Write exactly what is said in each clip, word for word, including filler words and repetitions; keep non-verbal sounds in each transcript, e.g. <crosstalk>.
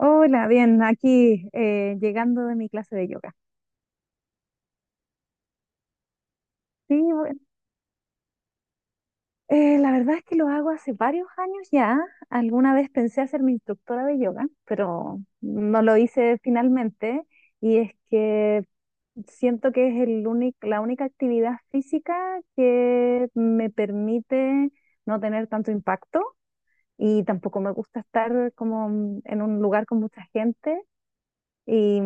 Hola, bien, aquí eh, llegando de mi clase de yoga. Sí, bueno, eh, la verdad es que lo hago hace varios años ya. Alguna vez pensé hacer mi instructora de yoga, pero no lo hice finalmente. Y es que siento que es el únic- la única actividad física que me permite no tener tanto impacto y tampoco me gusta estar como en un lugar con mucha gente. y, y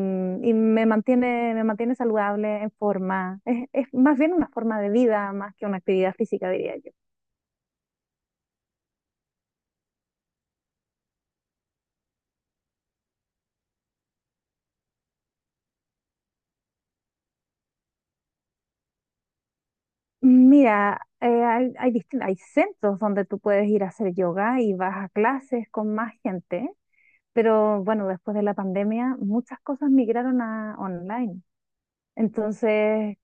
me mantiene, me mantiene saludable, en forma. Es, es más bien una forma de vida más que una actividad física, diría yo. Mira, eh, hay, hay, distin- hay centros donde tú puedes ir a hacer yoga y vas a clases con más gente, pero bueno, después de la pandemia muchas cosas migraron a online. Entonces,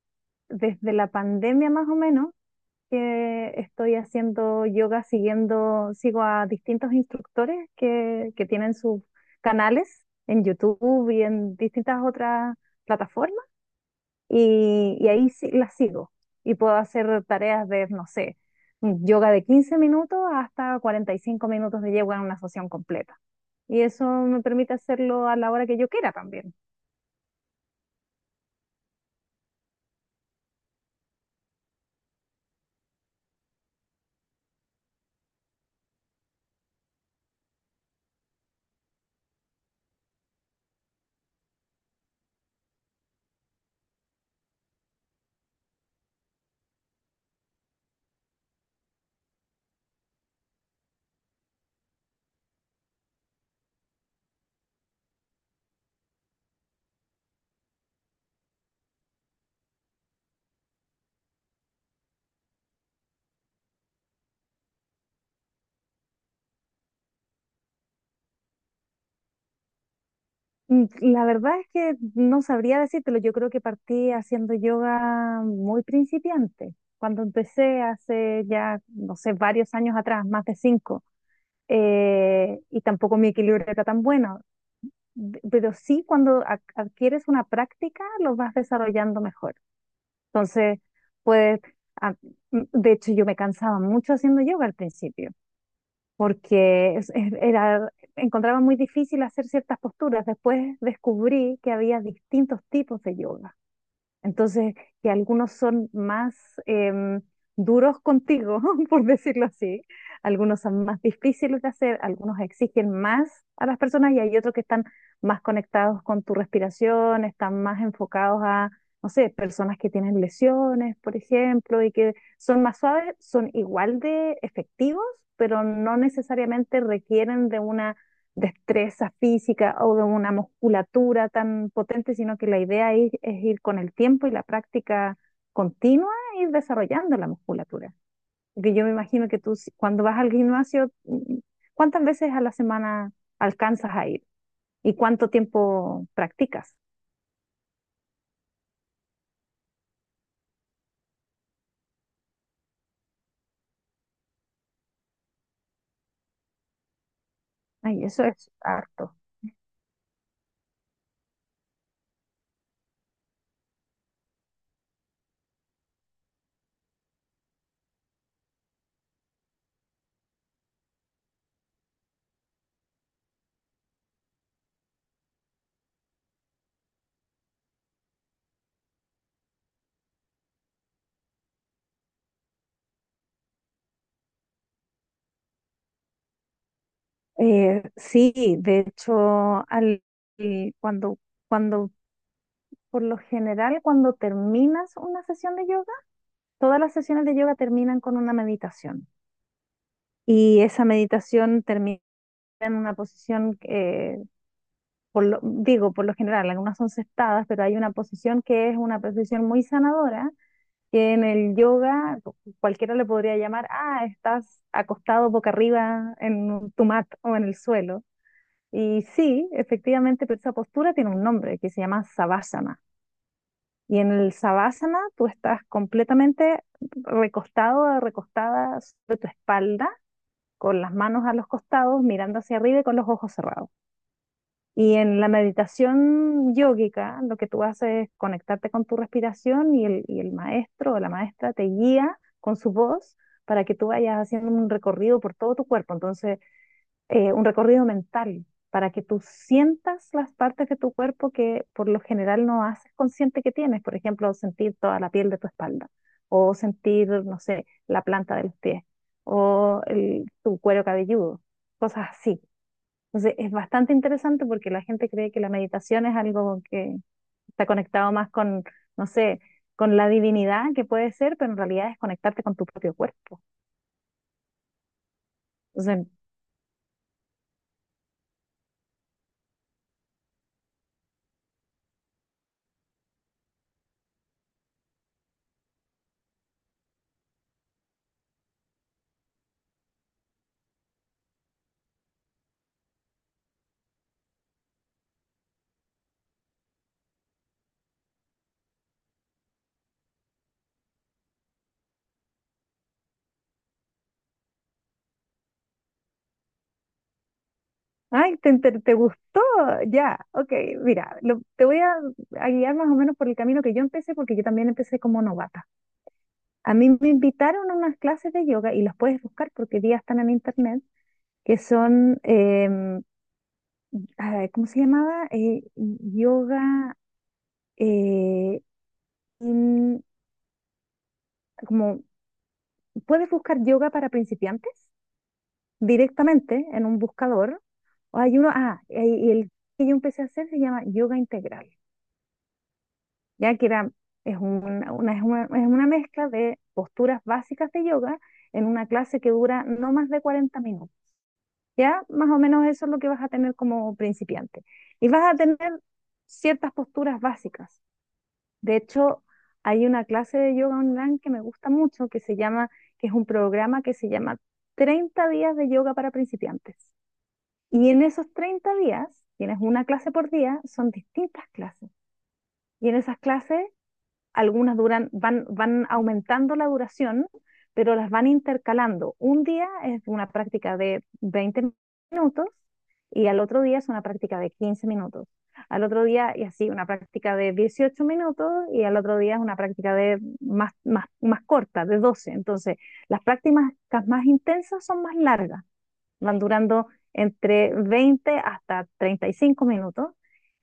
desde la pandemia más o menos, que estoy haciendo yoga siguiendo, sigo a distintos instructores que, que tienen sus canales en YouTube y en distintas otras plataformas y, y ahí sí, las sigo y puedo hacer tareas de, no sé, yoga de quince minutos hasta cuarenta y cinco minutos de yoga en una sesión completa. Y eso me permite hacerlo a la hora que yo quiera también. Mm, la verdad es que no sabría decírtelo. Yo creo que partí haciendo yoga muy principiante. Cuando empecé hace ya, no sé, varios años atrás, más de cinco, eh, y tampoco mi equilibrio era tan bueno. D- Pero sí, cuando a- adquieres una práctica, lo vas desarrollando mejor. Entonces, puedes, ah, de hecho, yo me cansaba mucho haciendo yoga al principio porque es- es- era, encontraba muy difícil hacer ciertas posturas. Después descubrí que había distintos tipos de yoga. Entonces, que algunos son más em, duros contigo, <laughs> por decirlo así, algunos son más difíciles de hacer, algunos exigen más a las personas y hay otros que están más conectados con tu respiración, están más enfocados a, no sé, personas que tienen lesiones, por ejemplo, y que son más suaves, son igual de efectivos, pero no necesariamente requieren de una destreza física o de una musculatura tan potente, sino que la idea es, es ir con el tiempo y la práctica continua, ir desarrollando la musculatura. Porque yo me imagino que tú si- cuando vas al gimnasio, mm, ¿cuántas veces a la semana alcanzas a ir? ¿Y cuánto tiempo practicas? Ay, eso es harto. Eh, sí, de hecho, al, y cuando, cuando, por lo general, cuando terminas una sesión de yoga, todas las sesiones de yoga terminan con una meditación y esa meditación termina en una posición, eh, por lo- digo, por lo general, algunas son sentadas, pero hay una posición que es una posición muy sanadora, que en el yoga cualquiera le podría llamar, ah, estás acostado boca arriba en tu mat o en el suelo. Y sí, efectivamente, pero esa postura tiene un nombre que se llama savasana. Y en el savasana tú estás completamente recostado o recostada sobre tu espalda con las manos a los costados, mirando hacia arriba y con los ojos cerrados. Y en la meditación yógica, lo que tú haces es conectarte con tu respiración y el, y el maestro o la maestra te guía con su voz para que tú vayas haciendo un recorrido por todo tu cuerpo. Entonces, eh, un recorrido mental para que tú sientas las partes de tu cuerpo que por lo general no haces consciente que tienes. Por ejemplo, sentir toda la piel de tu espalda o sentir, no sé, la planta de los pies o el- tu cuero cabelludo, cosas así. Entonces, es bastante interesante porque la gente cree que la meditación es algo que está conectado más con, no sé, con la divinidad que puede ser, pero en realidad es conectarte con tu propio cuerpo. Entonces, Ay, te, te- te gustó. Ya, ok, mira, lo- te voy a, a guiar más o menos por el camino que yo empecé, porque yo también empecé como novata. A mí me invitaron a unas clases de yoga y las puedes buscar porque hoy día están en internet, que son, em, ah, ¿cómo se llamaba? Eh, yoga, eh, in- como, puedes buscar yoga para principiantes directamente en un buscador. O hay uno, ah, y y el que yo empecé a hacer se llama yoga integral. Ya que era, es una, una- es una, es una mezcla de posturas básicas de yoga en una clase que dura no más de cuarenta minutos. Ya más o menos eso es lo que vas a tener como principiante. Y vas a tener ciertas posturas básicas. De hecho, hay una clase de yoga online que me gusta mucho, que se llama, que es un programa que se llama treinta días de yoga para principiantes. Y en esos treinta días, tienes una clase por día, son distintas clases. Y en esas clases algunas duran, van, van aumentando la duración, pero las van intercalando. Un día es una práctica de veinte minutos y al otro día es una práctica de quince minutos. Al otro día, y así, una práctica de dieciocho minutos y al otro día es una práctica de más, más, más corta, de doce. Entonces, las prácticas más intensas son más largas, van durando entre veinte hasta treinta y cinco minutos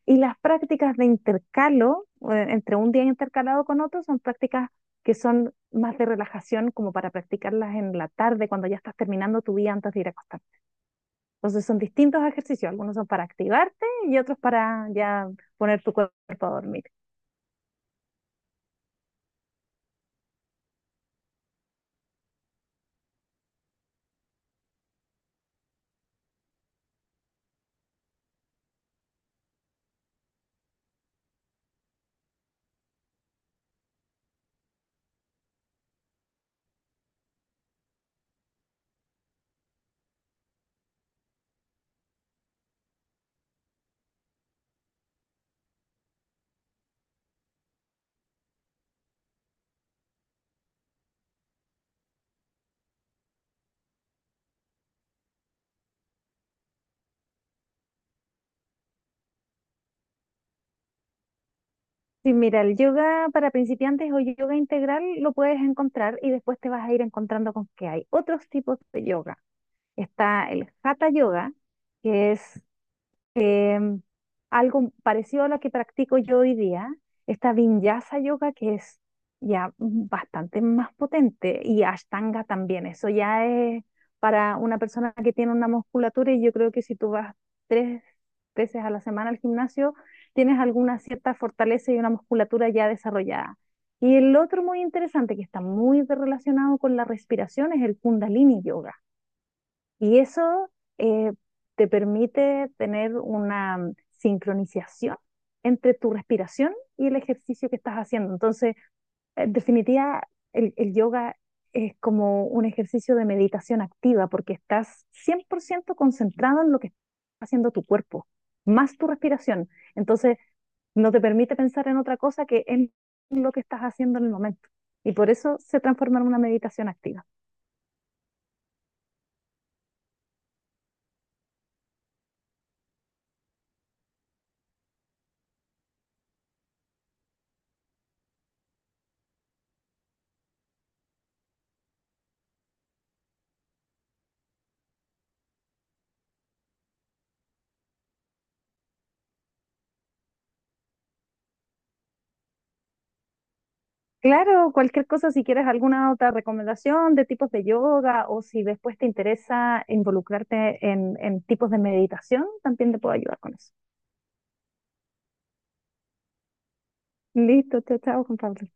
y las prácticas de intercalo, eh, entre un día intercalado con otro, son prácticas que son más de relajación, como para practicarlas en la tarde, cuando ya estás terminando tu día antes de ir a acostar. Entonces son distintos ejercicios, algunos son para activarte y otros para ya poner tu cuerpo a dormir. Sí, mira, el yoga para principiantes o yoga integral lo puedes encontrar y después te vas a ir encontrando con que hay otros tipos de yoga. Está el hatha yoga, que es em, algo parecido a lo que practico yo hoy día, esta Vinyasa Yoga que es ya bastante más potente y Ashtanga también, eso ya es para una persona que tiene una musculatura y yo creo que si tú vas tres veces a la semana al gimnasio, tienes alguna cierta fortaleza y una musculatura ya desarrollada. Y el otro muy interesante que está muy relacionado con la respiración es el Kundalini Yoga y eso, eh, te permite tener una mm, sincronización entre tu respiración y el ejercicio que estás haciendo. Entonces, eh, en definitiva, el, el yoga es como un ejercicio de meditación activa porque estás cien por ciento concentrado en lo que está haciendo tu cuerpo, más tu respiración. Entonces, no te permite pensar en otra cosa que en lo que estás haciendo en el momento. Y por eso se transforma en una meditación activa. Claro, cualquier cosa, si quieres alguna otra recomendación de tipos de yoga o si después te interesa involucrarte en, en tipos de meditación, también te puedo ayudar con eso. Listo, chao, chao, Juan Pablo.